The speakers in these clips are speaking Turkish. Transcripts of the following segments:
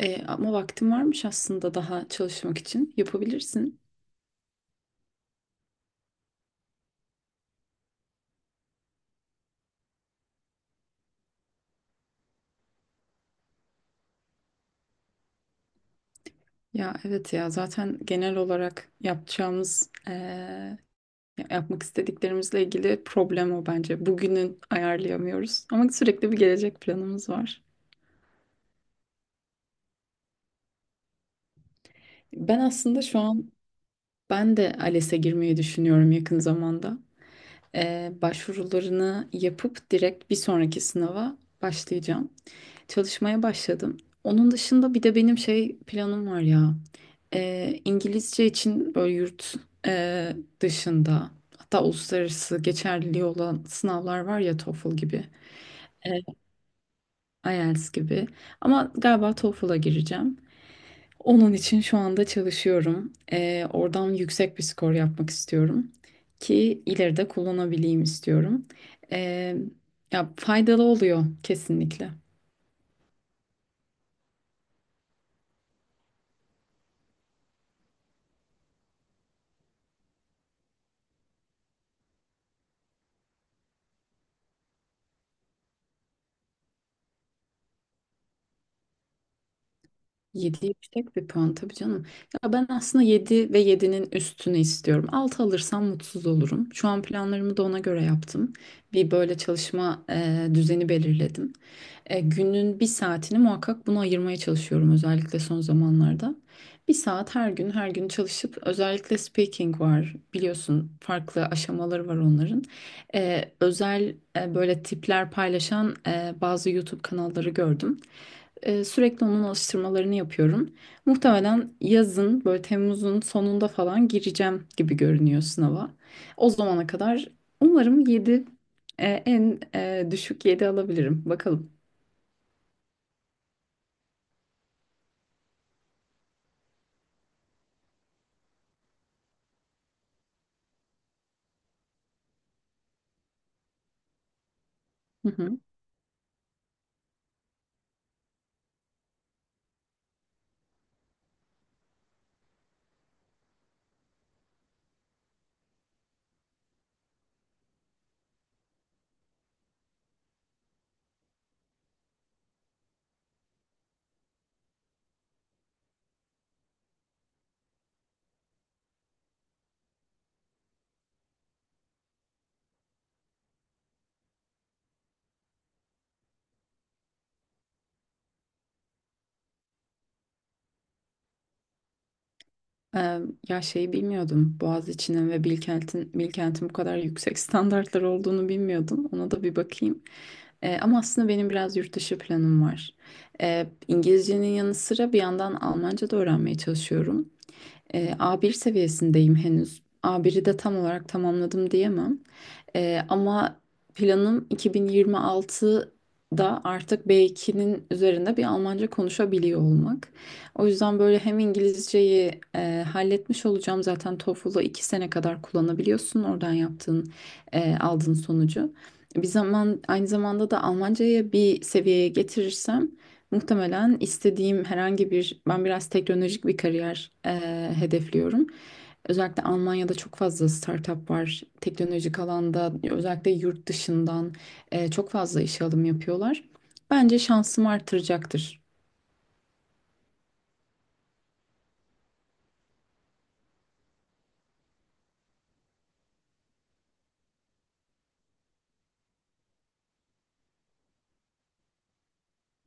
Ama vaktin varmış aslında daha çalışmak için. Yapabilirsin. Ya evet ya zaten genel olarak yapacağımız, yapmak istediklerimizle ilgili problem o bence. Bugünün ayarlayamıyoruz ama sürekli bir gelecek planımız var. Ben aslında şu an ben de ALES'e girmeyi düşünüyorum yakın zamanda. Başvurularını yapıp direkt bir sonraki sınava başlayacağım. Çalışmaya başladım. Onun dışında bir de benim şey planım var ya. İngilizce için böyle yurt dışında hatta uluslararası geçerliliği olan sınavlar var ya TOEFL gibi, e, IELTS gibi. Ama galiba TOEFL'a gireceğim. Onun için şu anda çalışıyorum. Oradan yüksek bir skor yapmak istiyorum ki ileride kullanabileyim istiyorum. Ee, Ya faydalı oluyor kesinlikle. 7 yüksek bir puan tabii canım. Ya ben aslında 7 ve 7'nin üstünü istiyorum. 6 alırsam mutsuz olurum. Şu an planlarımı da ona göre yaptım. Bir böyle çalışma düzeni belirledim. Günün 1 saatini muhakkak buna ayırmaya çalışıyorum özellikle son zamanlarda. 1 saat her gün her gün çalışıp özellikle speaking var biliyorsun farklı aşamaları var onların. Özel böyle tipler paylaşan bazı YouTube kanalları gördüm. Sürekli onun alıştırmalarını yapıyorum. Muhtemelen yazın böyle Temmuz'un sonunda falan gireceğim gibi görünüyor sınava. O zamana kadar umarım 7, en düşük 7 alabilirim. Bakalım. Hı hı. Ee, Ya şeyi bilmiyordum. Boğaziçi'nin ve Bilkent'in bu kadar yüksek standartlar olduğunu bilmiyordum. Ona da bir bakayım. Ama aslında benim biraz yurt dışı planım var. İngilizcenin yanı sıra bir yandan Almanca da öğrenmeye çalışıyorum. A bir seviyesindeyim henüz. A biri de tam olarak tamamladım diyemem. Ama planım 2026'da artık B2'nin üzerinde bir Almanca konuşabiliyor olmak. O yüzden böyle hem İngilizceyi halletmiş olacağım. Zaten TOEFL'ı 2 sene kadar kullanabiliyorsun oradan yaptığın, aldığın sonucu. Bir zaman aynı zamanda da Almancayı bir seviyeye getirirsem muhtemelen istediğim herhangi bir, ben biraz teknolojik bir kariyer hedefliyorum. Özellikle Almanya'da çok fazla startup var. Teknolojik alanda özellikle yurt dışından çok fazla işe alım yapıyorlar. Bence şansım artıracaktır.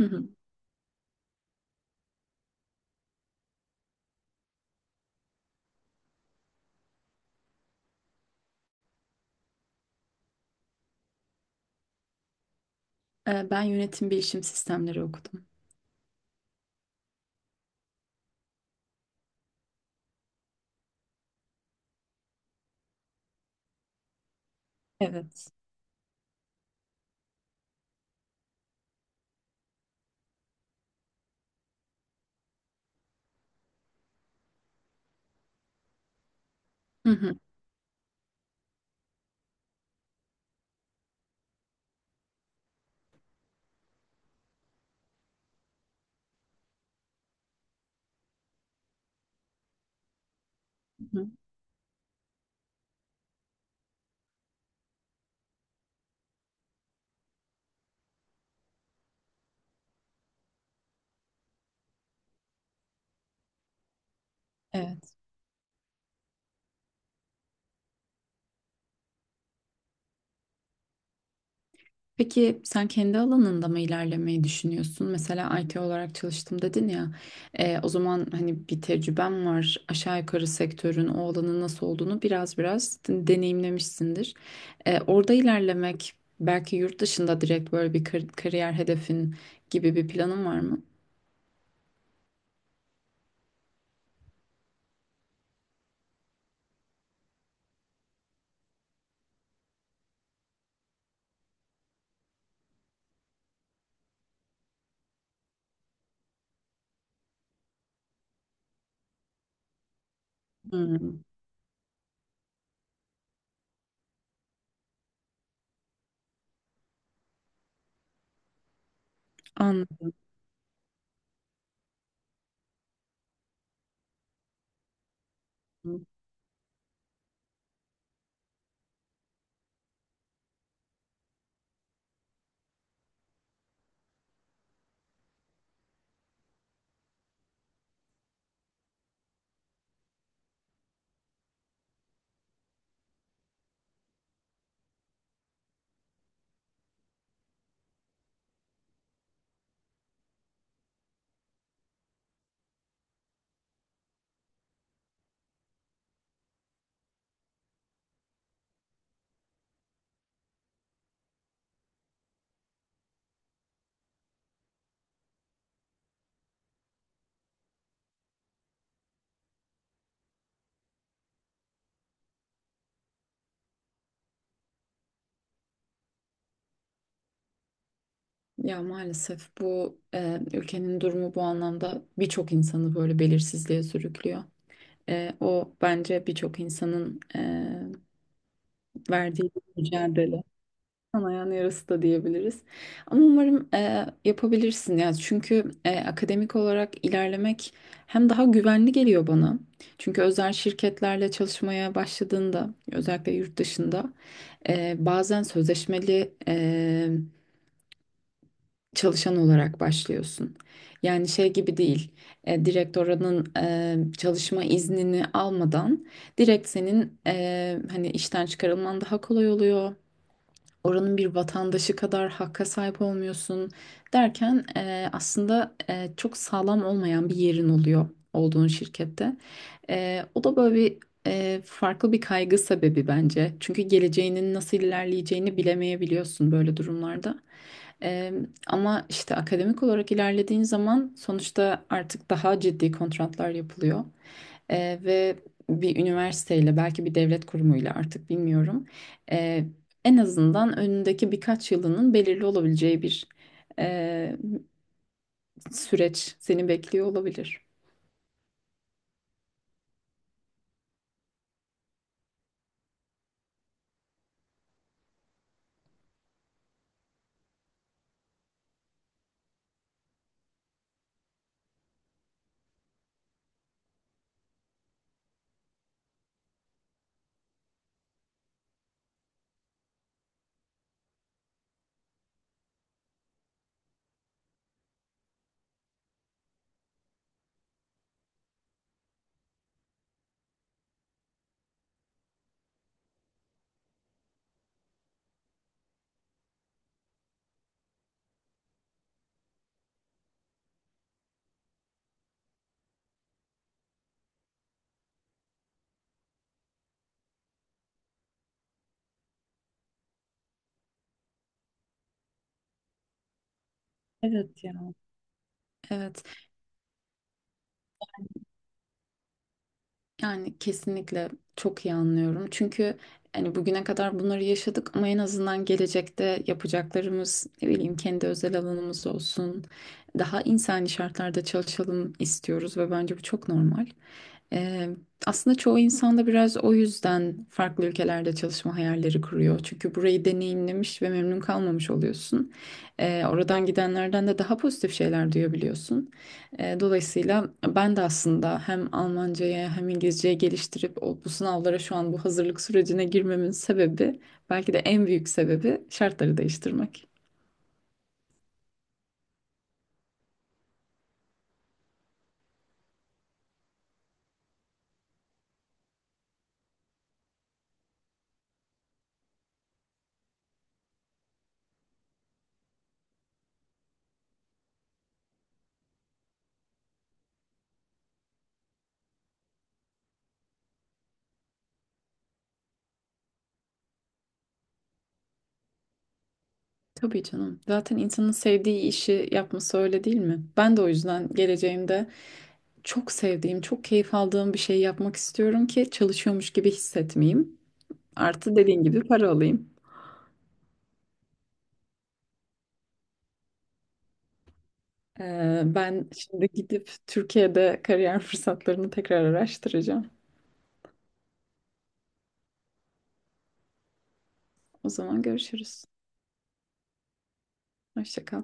Hı hı. Ben yönetim bilişim sistemleri okudum. Evet. Hı hı. Hı. Evet. Peki sen kendi alanında mı ilerlemeyi düşünüyorsun? Mesela IT olarak çalıştım dedin ya. O zaman hani bir tecrüben var. Aşağı yukarı sektörün o alanın nasıl olduğunu biraz deneyimlemişsindir. Orada ilerlemek belki yurt dışında direkt böyle bir kariyer hedefin gibi bir planın var mı? Hmm, anladım. Ya maalesef bu ülkenin durumu bu anlamda birçok insanı böyle belirsizliğe sürüklüyor. O bence birçok insanın verdiği bir mücadele. Kanayan yarası da diyebiliriz. Ama umarım yapabilirsin ya. Çünkü akademik olarak ilerlemek hem daha güvenli geliyor bana. Çünkü özel şirketlerle çalışmaya başladığında özellikle yurt dışında bazen sözleşmeli çalışan olarak başlıyorsun. Yani şey gibi değil. Direkt oranın çalışma iznini almadan direkt senin hani işten çıkarılman daha kolay oluyor, oranın bir vatandaşı kadar hakka sahip olmuyorsun derken aslında çok sağlam olmayan bir yerin oluyor olduğun şirkette. O da böyle bir farklı bir kaygı sebebi bence. Çünkü geleceğinin nasıl ilerleyeceğini bilemeyebiliyorsun böyle durumlarda. E, Ama işte akademik olarak ilerlediğin zaman sonuçta artık daha ciddi kontratlar yapılıyor. Ve bir üniversiteyle belki bir devlet kurumuyla artık bilmiyorum. E, En azından önündeki birkaç yılının belirli olabileceği bir eee, süreç seni bekliyor olabilir. Evet ya. Evet. Yani kesinlikle çok iyi anlıyorum. Çünkü hani bugüne kadar bunları yaşadık ama en azından gelecekte yapacaklarımız ne bileyim kendi özel alanımız olsun. Daha insani şartlarda çalışalım istiyoruz ve bence bu çok normal. Ee, Aslında çoğu insan da biraz o yüzden farklı ülkelerde çalışma hayalleri kuruyor. Çünkü burayı deneyimlemiş ve memnun kalmamış oluyorsun. Oradan gidenlerden de daha pozitif şeyler duyabiliyorsun. Dolayısıyla ben de aslında hem Almanca'ya hem İngilizce'ye geliştirip bu sınavlara şu an bu hazırlık sürecine girmemin sebebi belki de en büyük sebebi şartları değiştirmek. Tabii canım. Zaten insanın sevdiği işi yapması öyle değil mi? Ben de o yüzden geleceğimde çok sevdiğim, çok keyif aldığım bir şey yapmak istiyorum ki çalışıyormuş gibi hissetmeyeyim. Artı dediğin gibi para alayım. Ben şimdi gidip Türkiye'de kariyer fırsatlarını tekrar araştıracağım. O zaman görüşürüz. Hoşça kal.